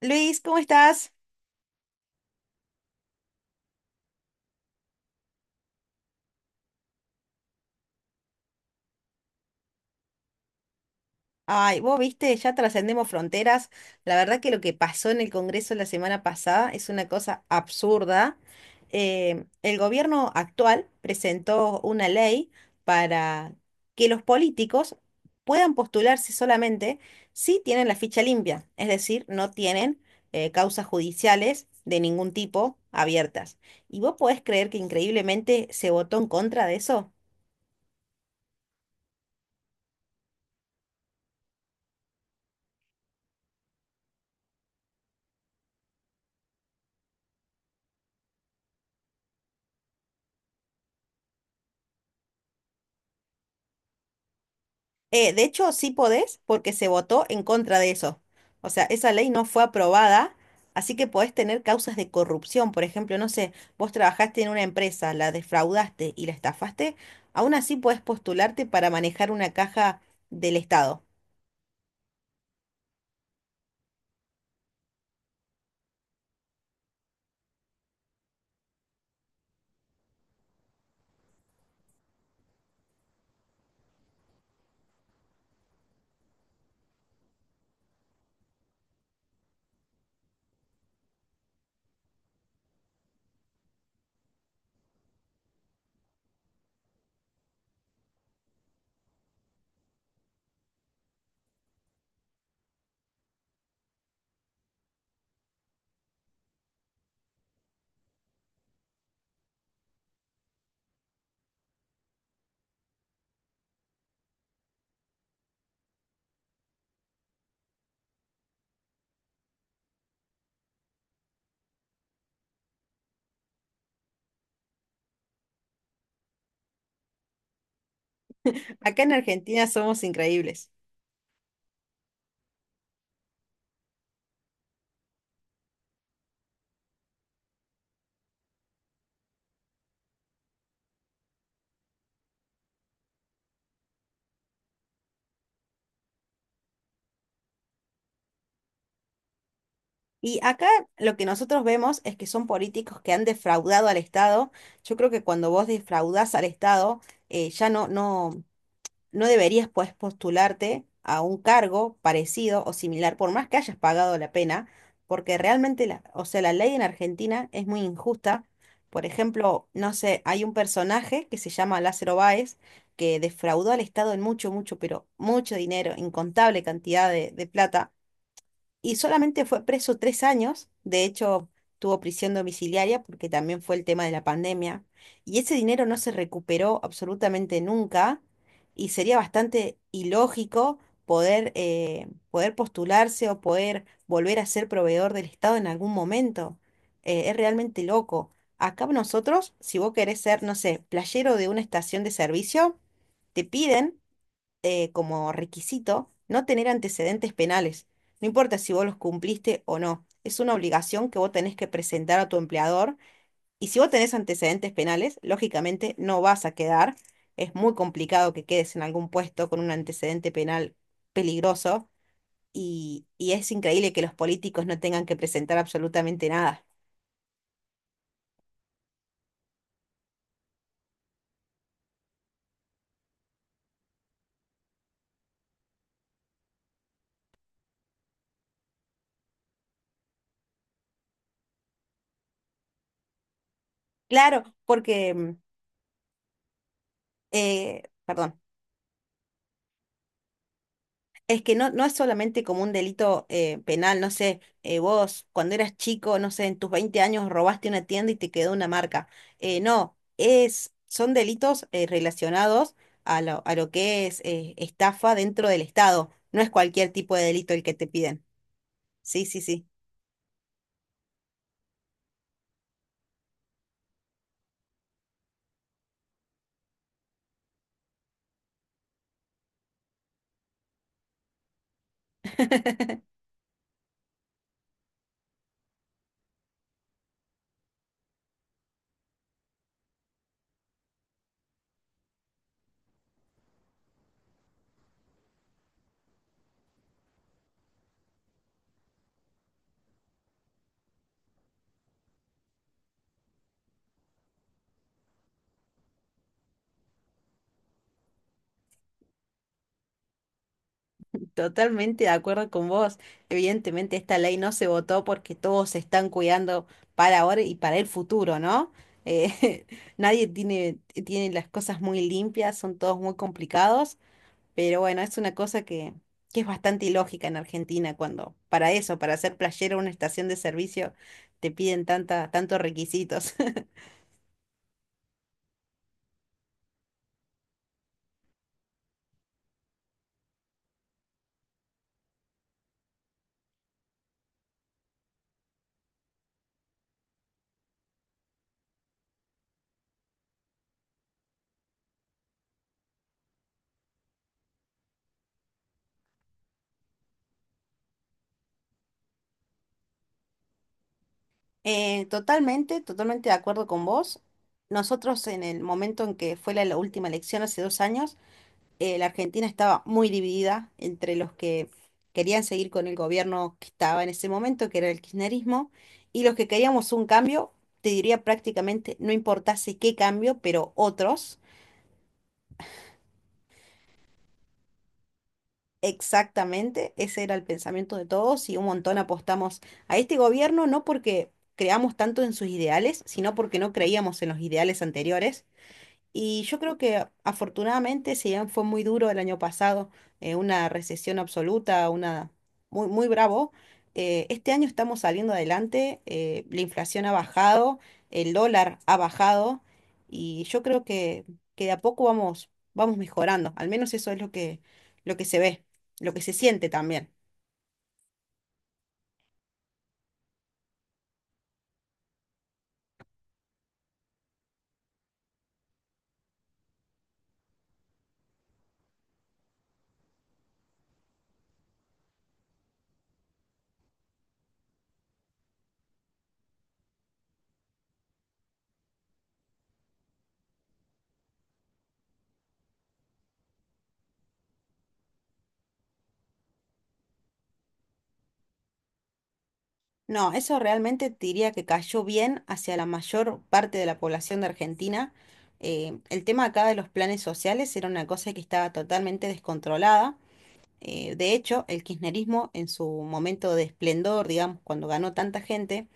Luis, ¿cómo estás? Ay, vos viste, ya trascendemos fronteras. La verdad que lo que pasó en el Congreso la semana pasada es una cosa absurda. El gobierno actual presentó una ley para que los políticos puedan postularse solamente si tienen la ficha limpia, es decir, no tienen causas judiciales de ningún tipo abiertas. ¿Y vos podés creer que increíblemente se votó en contra de eso? De hecho, sí podés porque se votó en contra de eso. O sea, esa ley no fue aprobada, así que podés tener causas de corrupción. Por ejemplo, no sé, vos trabajaste en una empresa, la defraudaste y la estafaste, aún así podés postularte para manejar una caja del Estado. Acá en Argentina somos increíbles. Y acá lo que nosotros vemos es que son políticos que han defraudado al Estado. Yo creo que cuando vos defraudás al Estado, ya no, no deberías pues postularte a un cargo parecido o similar, por más que hayas pagado la pena, porque realmente, o sea, la ley en Argentina es muy injusta. Por ejemplo, no sé, hay un personaje que se llama Lázaro Báez, que defraudó al Estado en mucho, mucho, pero mucho dinero, incontable cantidad de plata y solamente fue preso 3 años. De hecho, tuvo prisión domiciliaria porque también fue el tema de la pandemia, y ese dinero no se recuperó absolutamente nunca, y sería bastante ilógico poder, poder postularse o poder volver a ser proveedor del Estado en algún momento. Es realmente loco. Acá nosotros, si vos querés ser, no sé, playero de una estación de servicio, te piden como requisito no tener antecedentes penales. No importa si vos los cumpliste o no. Es una obligación que vos tenés que presentar a tu empleador. Y si vos tenés antecedentes penales, lógicamente no vas a quedar. Es muy complicado que quedes en algún puesto con un antecedente penal peligroso. Y es increíble que los políticos no tengan que presentar absolutamente nada. Claro, porque, perdón. Es que no, no es solamente como un delito penal, no sé, vos cuando eras chico, no sé, en tus 20 años robaste una tienda y te quedó una marca. No, es, son delitos relacionados a a lo que es estafa dentro del Estado. No es cualquier tipo de delito el que te piden. Sí, sí, sí. Totalmente de acuerdo con vos. Evidentemente esta ley no se votó porque todos se están cuidando para ahora y para el futuro, ¿no? Eh, Nadie tiene las cosas muy limpias, son todos muy complicados, pero bueno, es una cosa que es bastante ilógica en Argentina cuando para eso, para ser playero en una estación de servicio, te piden tanta, tantos requisitos. Totalmente, de acuerdo con vos. Nosotros en el momento en que fue la última elección hace 2 años, la Argentina estaba muy dividida entre los que querían seguir con el gobierno que estaba en ese momento, que era el kirchnerismo, y los que queríamos un cambio, te diría prácticamente, no importase qué cambio, pero otros. Exactamente, ese era el pensamiento de todos y un montón apostamos a este gobierno, no porque creamos tanto en sus ideales, sino porque no creíamos en los ideales anteriores. Y yo creo que afortunadamente, si bien fue muy duro el año pasado, una recesión absoluta, una muy, muy bravo, este año estamos saliendo adelante. Eh, la inflación ha bajado, el dólar ha bajado, y yo creo que de a poco vamos mejorando. Al menos eso es lo que se ve, lo que se siente también. No, eso realmente te diría que cayó bien hacia la mayor parte de la población de Argentina. El tema acá de los planes sociales era una cosa que estaba totalmente descontrolada. De hecho, el kirchnerismo en su momento de esplendor, digamos, cuando ganó tanta gente,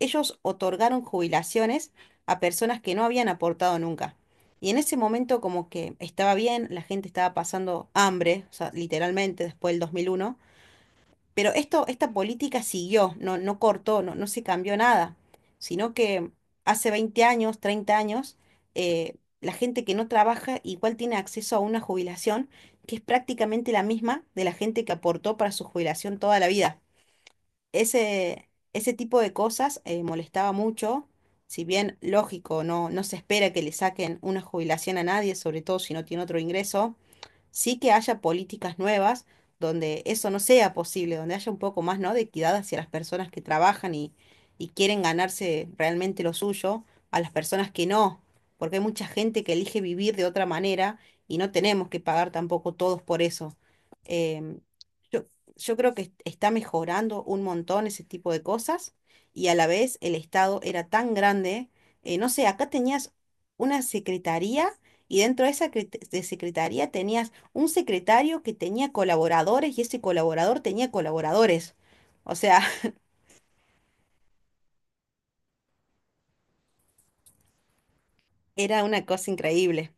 ellos otorgaron jubilaciones a personas que no habían aportado nunca. Y en ese momento como que estaba bien, la gente estaba pasando hambre, o sea, literalmente después del 2001. Pero esto, esta política siguió, no, no cortó, no, no se cambió nada, sino que hace 20 años, 30 años, eh, la gente que no trabaja igual tiene acceso a una jubilación que es prácticamente la misma de la gente que aportó para su jubilación toda la vida. Ese tipo de cosas molestaba mucho. Si bien lógico, no, no se espera que le saquen una jubilación a nadie, sobre todo si no tiene otro ingreso, sí que haya políticas nuevas donde eso no sea posible, donde haya un poco más, ¿no?, de equidad hacia las personas que trabajan y quieren ganarse realmente lo suyo, a las personas que no, porque hay mucha gente que elige vivir de otra manera y no tenemos que pagar tampoco todos por eso. Em, yo, yo creo que está mejorando un montón ese tipo de cosas y a la vez el Estado era tan grande. Eh, no sé, acá tenías una secretaría y dentro de esa cre- de secretaría tenías un secretario que tenía colaboradores y ese colaborador tenía colaboradores. O sea, era una cosa increíble.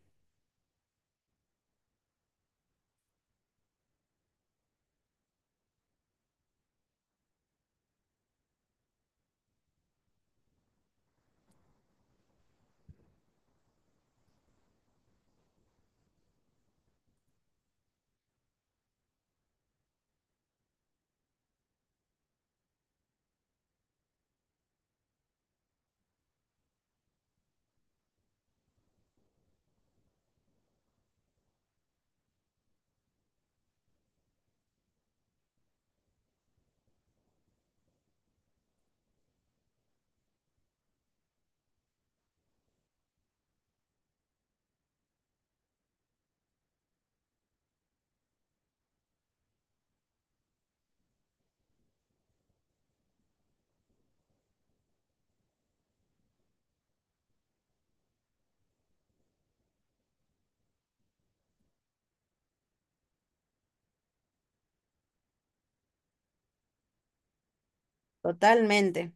Totalmente.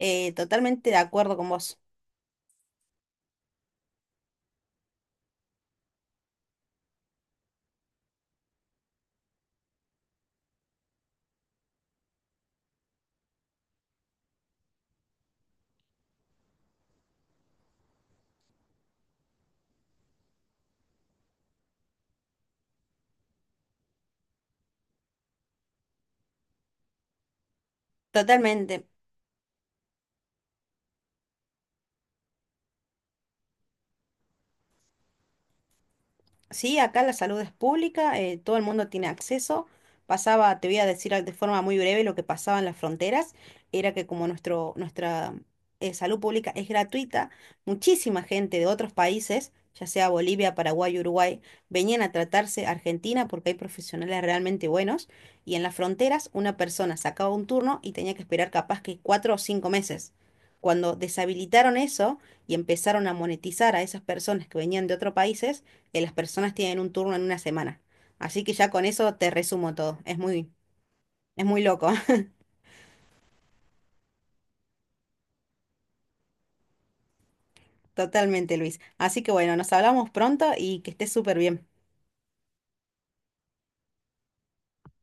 Totalmente de acuerdo con vos. Totalmente. Sí, acá la salud es pública, todo el mundo tiene acceso. Pasaba, te voy a decir de forma muy breve lo que pasaba en las fronteras, era que como nuestra salud pública es gratuita, muchísima gente de otros países, ya sea Bolivia, Paraguay, Uruguay, venían a tratarse a Argentina porque hay profesionales realmente buenos y en las fronteras una persona sacaba un turno y tenía que esperar capaz que 4 o 5 meses. Cuando deshabilitaron eso y empezaron a monetizar a esas personas que venían de otros países, que las personas tienen un turno en una semana. Así que ya con eso te resumo todo. Es muy loco. Totalmente, Luis. Así que bueno, nos hablamos pronto y que estés súper bien.